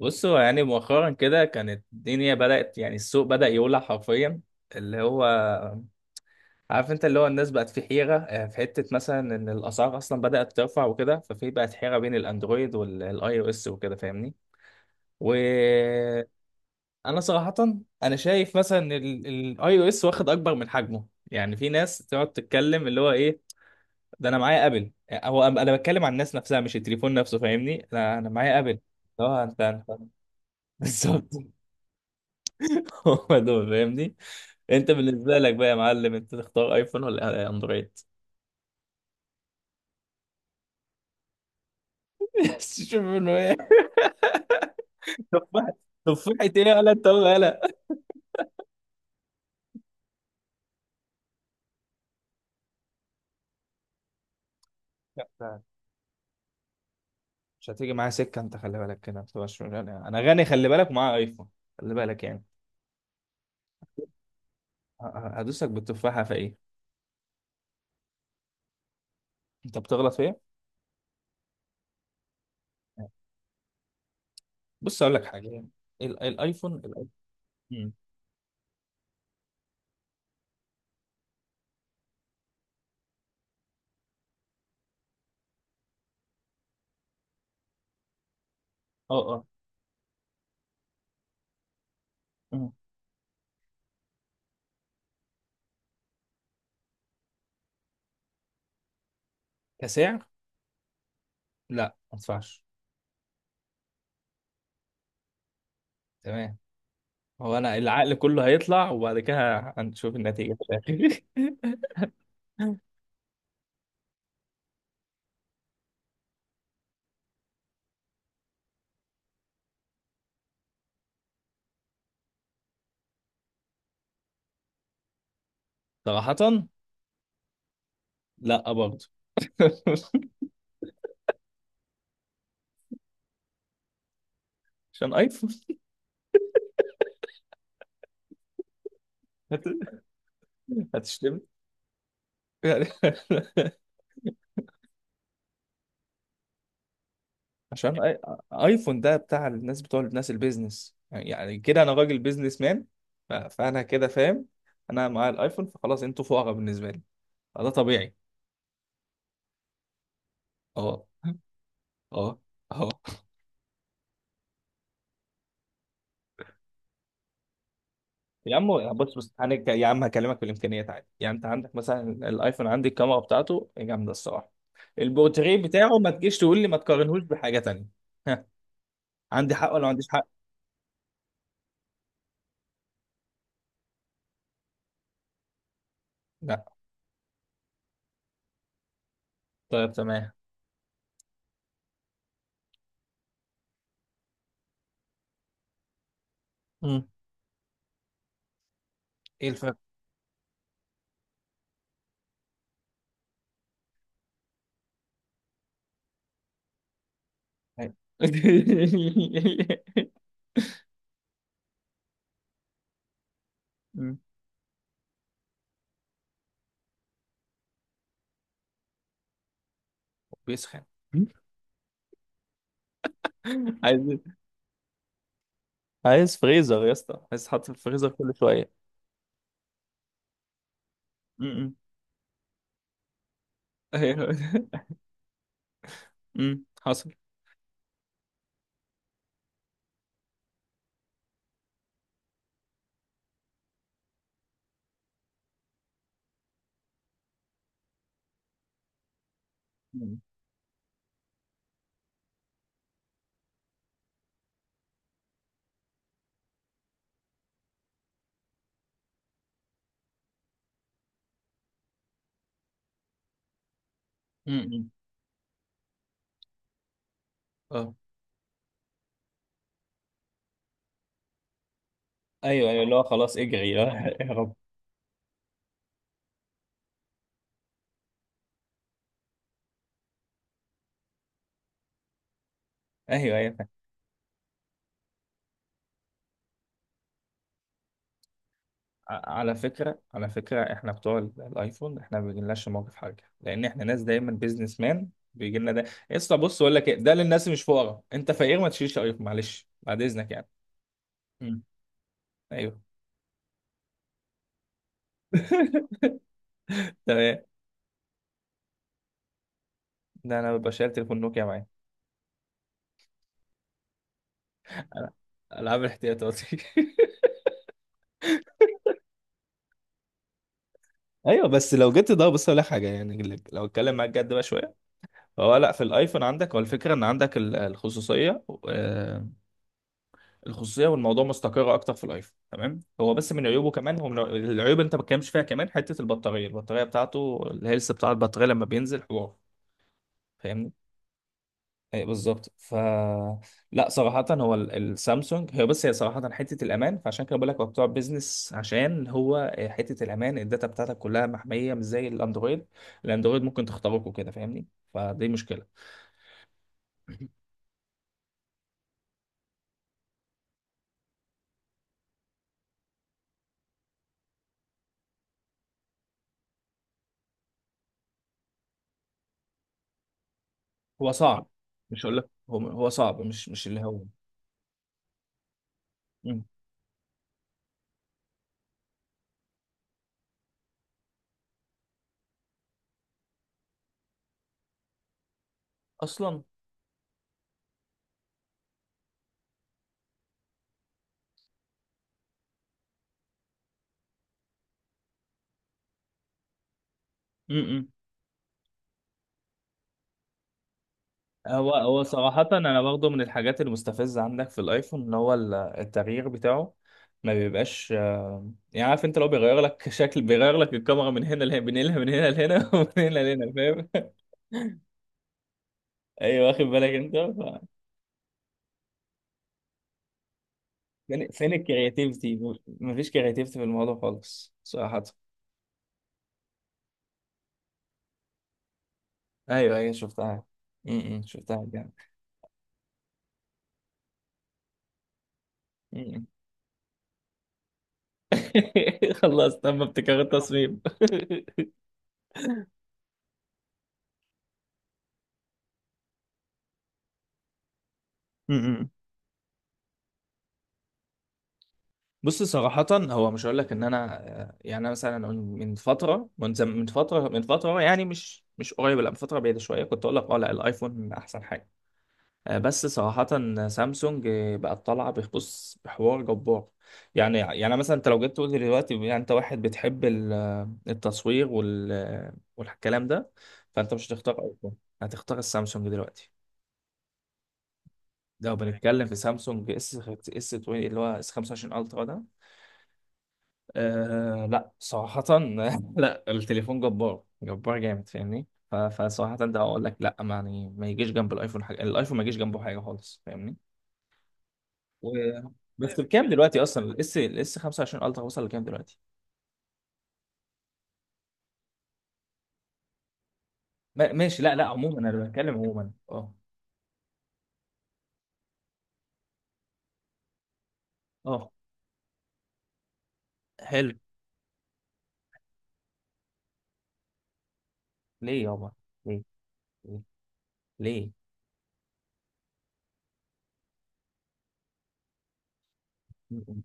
بصوا يعني مؤخرا كده كانت الدنيا بدأت، يعني السوق بدأ يولع حرفيا اللي هو، عارف انت اللي هو الناس بقت في حيرة، في حتة مثلا ان الأسعار أصلا بدأت ترفع وكده، ففي بقت حيرة بين الأندرويد والآي أو إس وكده فاهمني. وأنا صراحة أنا شايف مثلا إن الآي أو إس واخد أكبر من حجمه. يعني في ناس تقعد تتكلم اللي هو إيه، ده أنا معايا أبل، هو أنا بتكلم عن الناس نفسها مش التليفون نفسه، فاهمني؟ أنا معايا أبل. اه انت بالظبط. هم دول فاهمني. انت بالنسبه لك بقى يا معلم، انت تختار ايفون ولا اندرويد؟ شوف انه ايه. تفاحة. تفاحة ايه ولا انت ولا لا؟ مش هتيجي معايا سكه انت، خلي بالك كده، ما تبقاش انا. أنا غني خلي بالك، ومعايا ايفون. خلي بالك يعني. هدوسك بالتفاحه في ايه. انت بتغلط في ايه؟ بص اقول لك حاجه. الايفون. مم. اه اه. مم. كسعر، لا ما ادفعش. تمام. هو انا العقل كله هيطلع، وبعد كده هنشوف النتيجه في الاخر. صراحه، لا برضه. عشان ايفون. هت... هتشتمني يعني. عشان آي... ايفون ده بتاع الناس، بتوع الناس البيزنس، يعني يعني كده انا راجل بيزنس مان. فانا كده فاهم. انا معايا الايفون، فخلاص انتوا فقراء بالنسبه لي، فده طبيعي. اه. اه. اه. يا عم بص انا يا عم هكلمك في الامكانيات عادي. يعني انت عندك مثلا الايفون، عندي الكاميرا بتاعته جامده الصراحه. البورتريه بتاعه ما تجيش تقول لي ما تقارنهوش بحاجه تانية. ها، عندي حق ولا ما عنديش حق؟ لا. طيب تمام. مم. ايه الفرق؟ أيوة. مم. بيسخن. عايز، عايز فريزر يا اسطى، عايز تحط في الفريزر كل شويه. امم ايوه. حصل. امم اه ايوه، ايوه اللي هو خلاص اجري لا يا رب. ايوه ايوه فاهم. على فكره، على فكره احنا بتوع الايفون، احنا ما بيجيلناش موقف حرجه، لان احنا ناس دايما بيزنس مان بيجي لنا ده. يا اسطى بص اقول لك ايه، ده للناس مش فقراء. انت فقير ما تشيلش ايفون، معلش بعد اذنك يعني. امم ايوه. تمام. ده انا ببقى شايل تليفون نوكيا معايا. أنا- العاب الاحتياطاتي. ايوه بس لو جيت، ده بص اقول لك حاجه، يعني لو اتكلم معاك جد بقى شويه، فهو لا، في الايفون عندك هو الفكره ان عندك الخصوصيه. الخصوصيه والموضوع مستقر اكتر في الايفون، تمام. هو بس من عيوبه كمان، هو من العيوب انت ما بتتكلمش فيها كمان، حته البطاريه، بتاعته الهيلث بتاع البطاريه لما بينزل حوار. فاهمني؟ اي بالظبط. لا صراحة، هو السامسونج، هي بس هي صراحة حتة الأمان. فعشان كده بقول لك هو بتوع بيزنس، عشان هو حتة الأمان، الداتا بتاعتك كلها محمية مش زي الأندرويد. الأندرويد ممكن تخترقه وكده، فاهمني؟ فدي مشكلة. هو صعب. مش هقول لك هو صعب، مش اللي هو. مم. أصلا. مم. هو، صراحة أنا برضه من الحاجات المستفزة عندك في الأيفون، إن هو التغيير بتاعه ما بيبقاش، يعني عارف أنت، لو بيغير لك شكل، بيغير لك الكاميرا من هنا لهنا، بينقلها من هنا لهنا ومن هنا لهنا، فاهم؟ أيوه واخد بالك أنت؟ ف- فين، فين الكرياتيفيتي؟ مفيش كرياتيفيتي في الموضوع خالص صراحة. أيوه أيوه شفتها. م- م، شفتها جامد. م- م. خلاص، تم ابتكار التصميم. م-. بص صراحة هو مش هقول لك ان انا، يعني انا مثلا من فترة يعني، مش قريب، لا من فترة بعيدة شوية، كنت اقول لك اه لا الايفون احسن حاجة. بس صراحة سامسونج بقت طالعة، بص، بحوار جبار. يعني يعني مثلا انت لو جيت تقول لي دلوقتي، يعني انت واحد بتحب التصوير وال والكلام ده، فانت مش هتختار ايفون، هتختار السامسونج دلوقتي. لو بنتكلم في سامسونج اس 20، اللي هو اس 25 الترا ده، أه لا صراحة. لا التليفون جبار، جبار جامد، فاهمني؟ فصراحة ده اقول لك لا، ما يعني، ما يجيش جنب الايفون حاجة، الايفون ما يجيش جنبه حاجة خالص، فاهمني؟ و... بس بكام دلوقتي اصلا الاس 25 الترا وصل لكام دلوقتي؟ ما... ماشي. لا لا، عموما انا بتكلم عموما. اه. اه حلو. ليه يابا؟ ليه؟ ليه؟ ليه؟ م-. م-.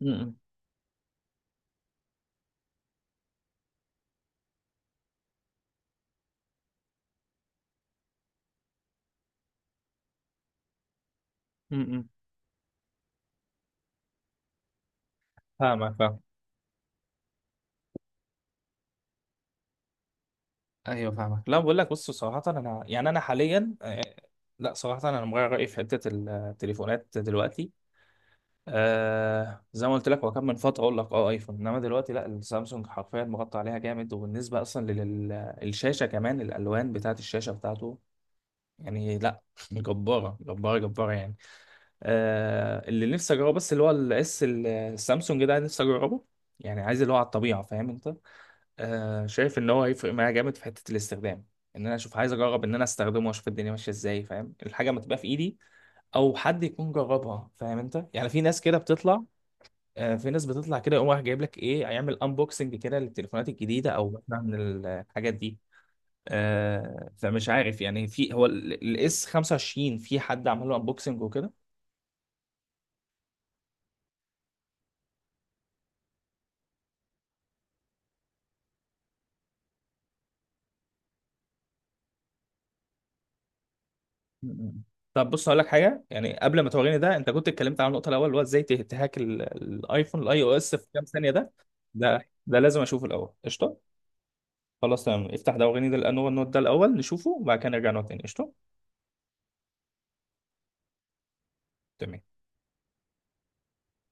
م-. م-. م-. فاهمك، فاهمك. ايوه فاهمك. لا بقول لك، بص صراحه انا، يعني انا حاليا، لا صراحه انا مغير رايي في حته التليفونات دلوقتي. آه زي ما قلت لك، هو كان من فتره اقول لك اه ايفون، انما دلوقتي لا، السامسونج حرفيا مغطى عليها جامد. وبالنسبه اصلا للشاشه كمان، الالوان بتاعه الشاشه بتاعته، يعني لا، جباره، جباره، جباره يعني. آه اللي نفسي اجربه بس اللي هو الاس السامسونج ده، نفسي اجربه، يعني عايز اللي هو على الطبيعه، فاهم انت؟ آه شايف ان هو هيفرق معايا جامد في حته الاستخدام. ان انا اشوف، عايز اجرب ان انا استخدمه واشوف الدنيا ماشيه ازاي، فاهم؟ الحاجه ما تبقى في ايدي، او حد يكون جربها، فاهم انت؟ يعني في ناس كده بتطلع. آه في ناس بتطلع كده، يقوم رايح جايب لك ايه، هيعمل انبوكسنج كده للتليفونات الجديده، او مثلا من الحاجات دي. آه فمش عارف يعني، في هو الاس 25، في حد عمل له انبوكسنج وكده. م-م. طب بص هقول لك حاجه، يعني قبل ما توريني ده، انت كنت اتكلمت عن النقطه الاول اللي هو ازاي تهاك الايفون الاي او اس في كام ثانيه ده. ده ده لازم اشوفه الاول، قشطه. خلاص تمام، افتح ده وريني ده، لانه هو النوت ده الاول نشوفه، وبعد كده نرجع نقعد تاني، قشطه. تمام.